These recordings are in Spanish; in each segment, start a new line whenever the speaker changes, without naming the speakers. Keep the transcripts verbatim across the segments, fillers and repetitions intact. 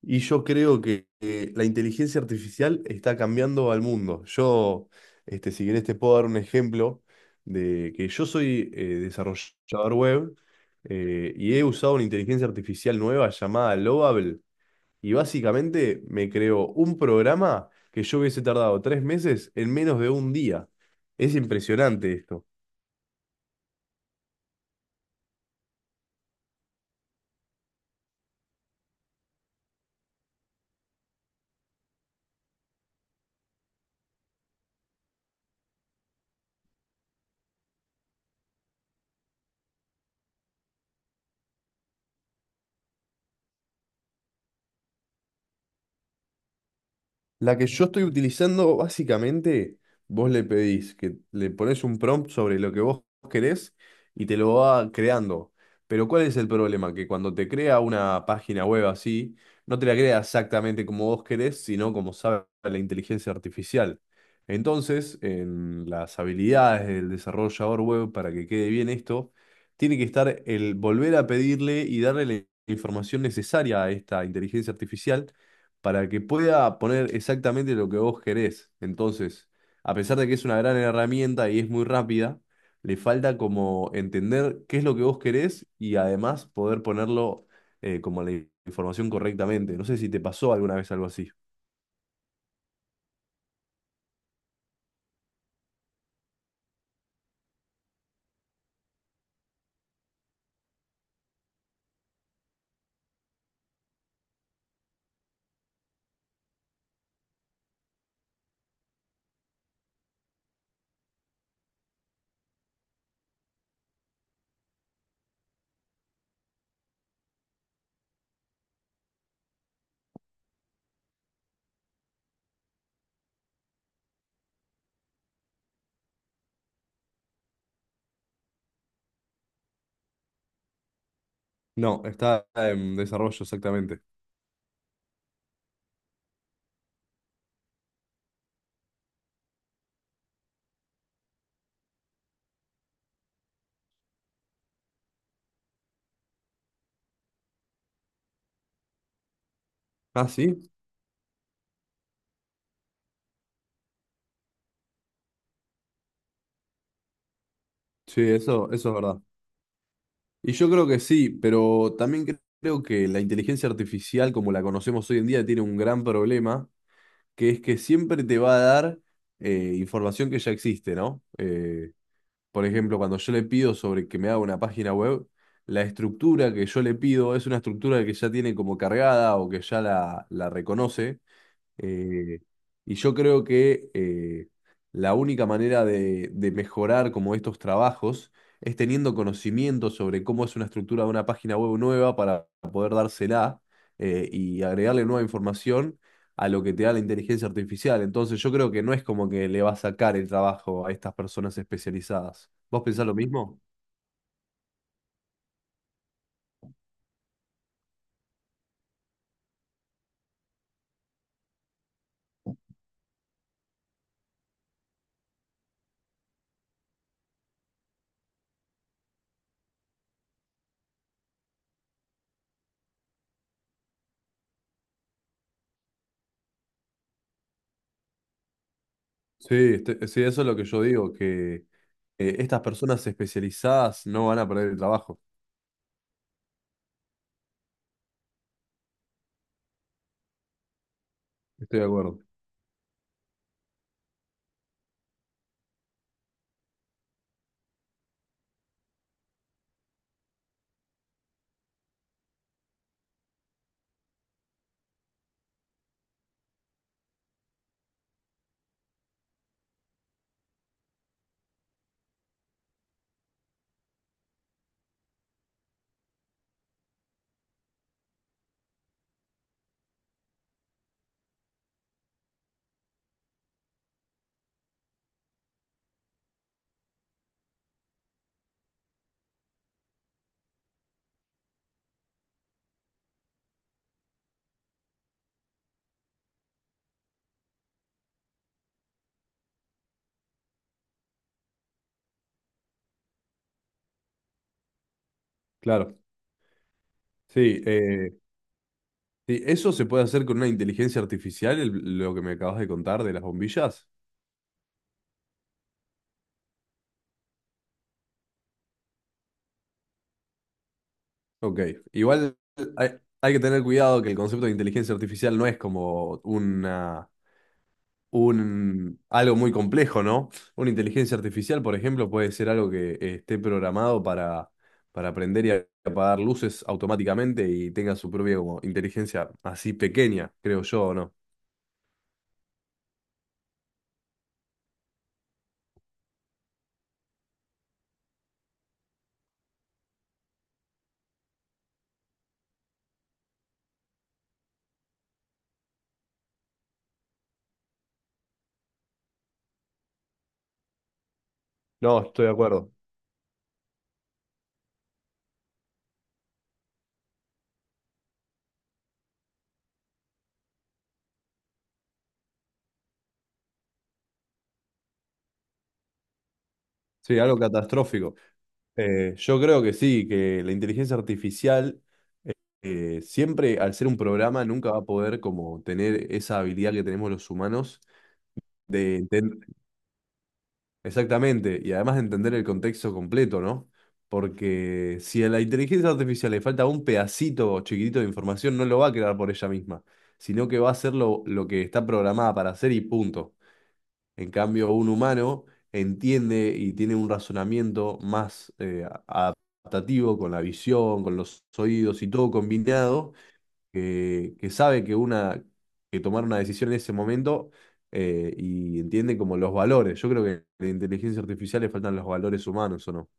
Y yo creo que eh, la inteligencia artificial está cambiando al mundo. Yo, este, si querés, te puedo dar un ejemplo de que yo soy eh, desarrollador web, eh, y he usado una inteligencia artificial nueva llamada Lovable. Y básicamente me creó un programa que yo hubiese tardado tres meses en menos de un día. Es impresionante esto. La que yo estoy utilizando, básicamente, vos le pedís que le pones un prompt sobre lo que vos querés y te lo va creando. Pero ¿cuál es el problema? Que cuando te crea una página web así, no te la crea exactamente como vos querés, sino como sabe la inteligencia artificial. Entonces, en las habilidades del desarrollador web, para que quede bien esto, tiene que estar el volver a pedirle y darle la información necesaria a esta inteligencia artificial para que pueda poner exactamente lo que vos querés. Entonces, a pesar de que es una gran herramienta y es muy rápida, le falta como entender qué es lo que vos querés y además poder ponerlo eh, como la información correctamente. No sé si te pasó alguna vez algo así. No, está en desarrollo exactamente. Ah, sí. Sí, eso, eso es verdad. Y yo creo que sí, pero también cre- creo que la inteligencia artificial como la conocemos hoy en día tiene un gran problema, que es que siempre te va a dar eh, información que ya existe, ¿no? Eh, por ejemplo, cuando yo le pido sobre que me haga una página web, la estructura que yo le pido es una estructura que ya tiene como cargada o que ya la, la reconoce, eh, y yo creo que eh, la única manera de, de mejorar como estos trabajos es teniendo conocimiento sobre cómo es una estructura de una página web nueva para poder dársela, eh, y agregarle nueva información a lo que te da la inteligencia artificial. Entonces yo creo que no es como que le va a sacar el trabajo a estas personas especializadas. ¿Vos pensás lo mismo? Sí, este- sí, eso es lo que yo digo, que eh, estas personas especializadas no van a perder el trabajo. Estoy de acuerdo. Claro. Sí, eh, sí, eso se puede hacer con una inteligencia artificial, el- lo que me acabas de contar de las bombillas. Ok, igual hay, hay que tener cuidado que el concepto de inteligencia artificial no es como una, un, algo muy complejo, ¿no? Una inteligencia artificial, por ejemplo, puede ser algo que eh, esté programado para, para prender y apagar luces automáticamente y tenga su propia como, inteligencia así pequeña, creo yo, ¿o no? No, estoy de acuerdo. Sí, algo catastrófico. Eh, yo creo que sí, que la inteligencia artificial eh, siempre, al ser un programa, nunca va a poder como tener esa habilidad que tenemos los humanos de entender exactamente y además de entender el contexto completo, ¿no? Porque si a la inteligencia artificial le falta un pedacito chiquitito de información, no lo va a crear por ella misma, sino que va a hacer lo, lo que está programada para hacer y punto. En cambio, un humano entiende y tiene un razonamiento más, eh, adaptativo, con la visión, con los oídos y todo combinado, que, que sabe que una, que tomar una decisión en ese momento, eh, y entiende como los valores. Yo creo que en la inteligencia artificial le faltan los valores humanos, ¿o no?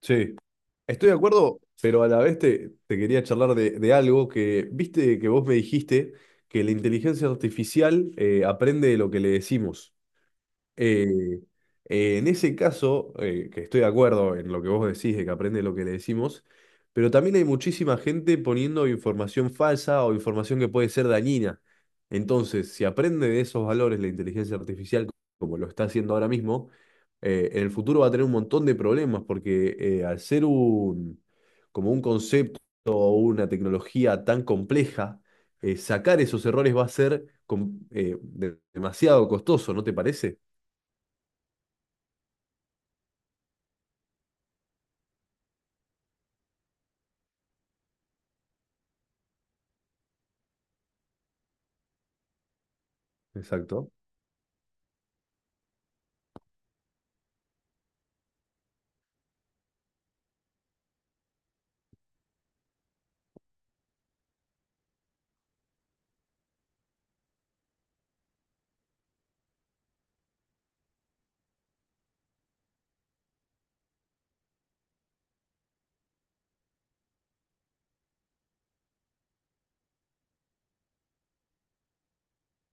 Sí. Estoy de acuerdo, pero a la vez te, te quería charlar de, de algo que, viste que vos me dijiste que la inteligencia artificial eh, aprende de lo que le decimos. Eh, eh, en ese caso, eh, que estoy de acuerdo en lo que vos decís, de que aprende lo que le decimos, pero también hay muchísima gente poniendo información falsa o información que puede ser dañina. Entonces, si aprende de esos valores la inteligencia artificial, como lo está haciendo ahora mismo, eh, en el futuro va a tener un montón de problemas, porque eh, al ser un, como un concepto o una tecnología tan compleja, eh, sacar esos errores va a ser com- eh, de- demasiado costoso, ¿no te parece? Exacto.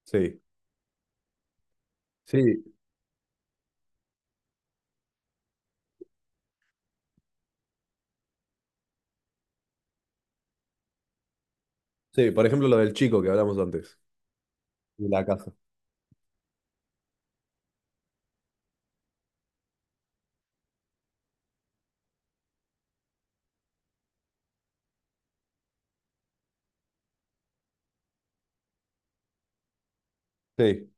Sí, sí, sí. Por ejemplo, lo del chico que hablamos antes, de la casa. Sí,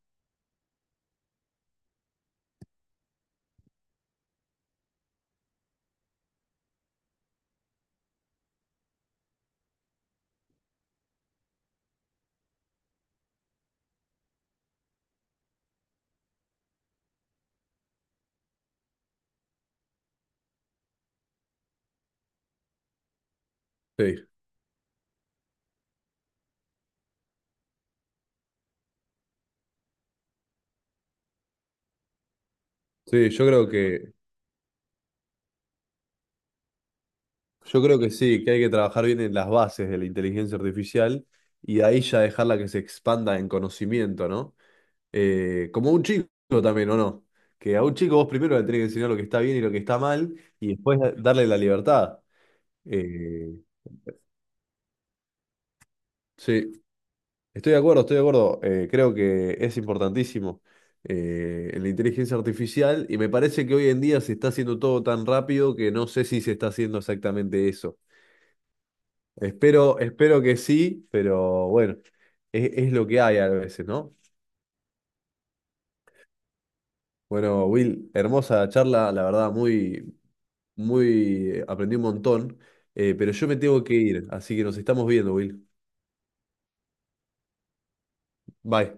sí, sí. Yo creo que, yo creo que sí, que hay que trabajar bien en las bases de la inteligencia artificial y de ahí ya dejarla que se expanda en conocimiento, ¿no? Eh, como un chico también, ¿o no? Que a un chico vos primero le tenés que enseñar lo que está bien y lo que está mal y después darle la libertad. Eh, sí. Estoy de acuerdo, estoy de acuerdo. Eh, creo que es importantísimo eh, la inteligencia artificial y me parece que hoy en día se está haciendo todo tan rápido que no sé si se está haciendo exactamente eso. Espero, espero que sí, pero bueno, es, es lo que hay a veces, ¿no? Bueno, Will, hermosa charla, la verdad, muy, muy, eh, aprendí un montón, eh, pero yo me tengo que ir, así que nos estamos viendo, Will. Bye.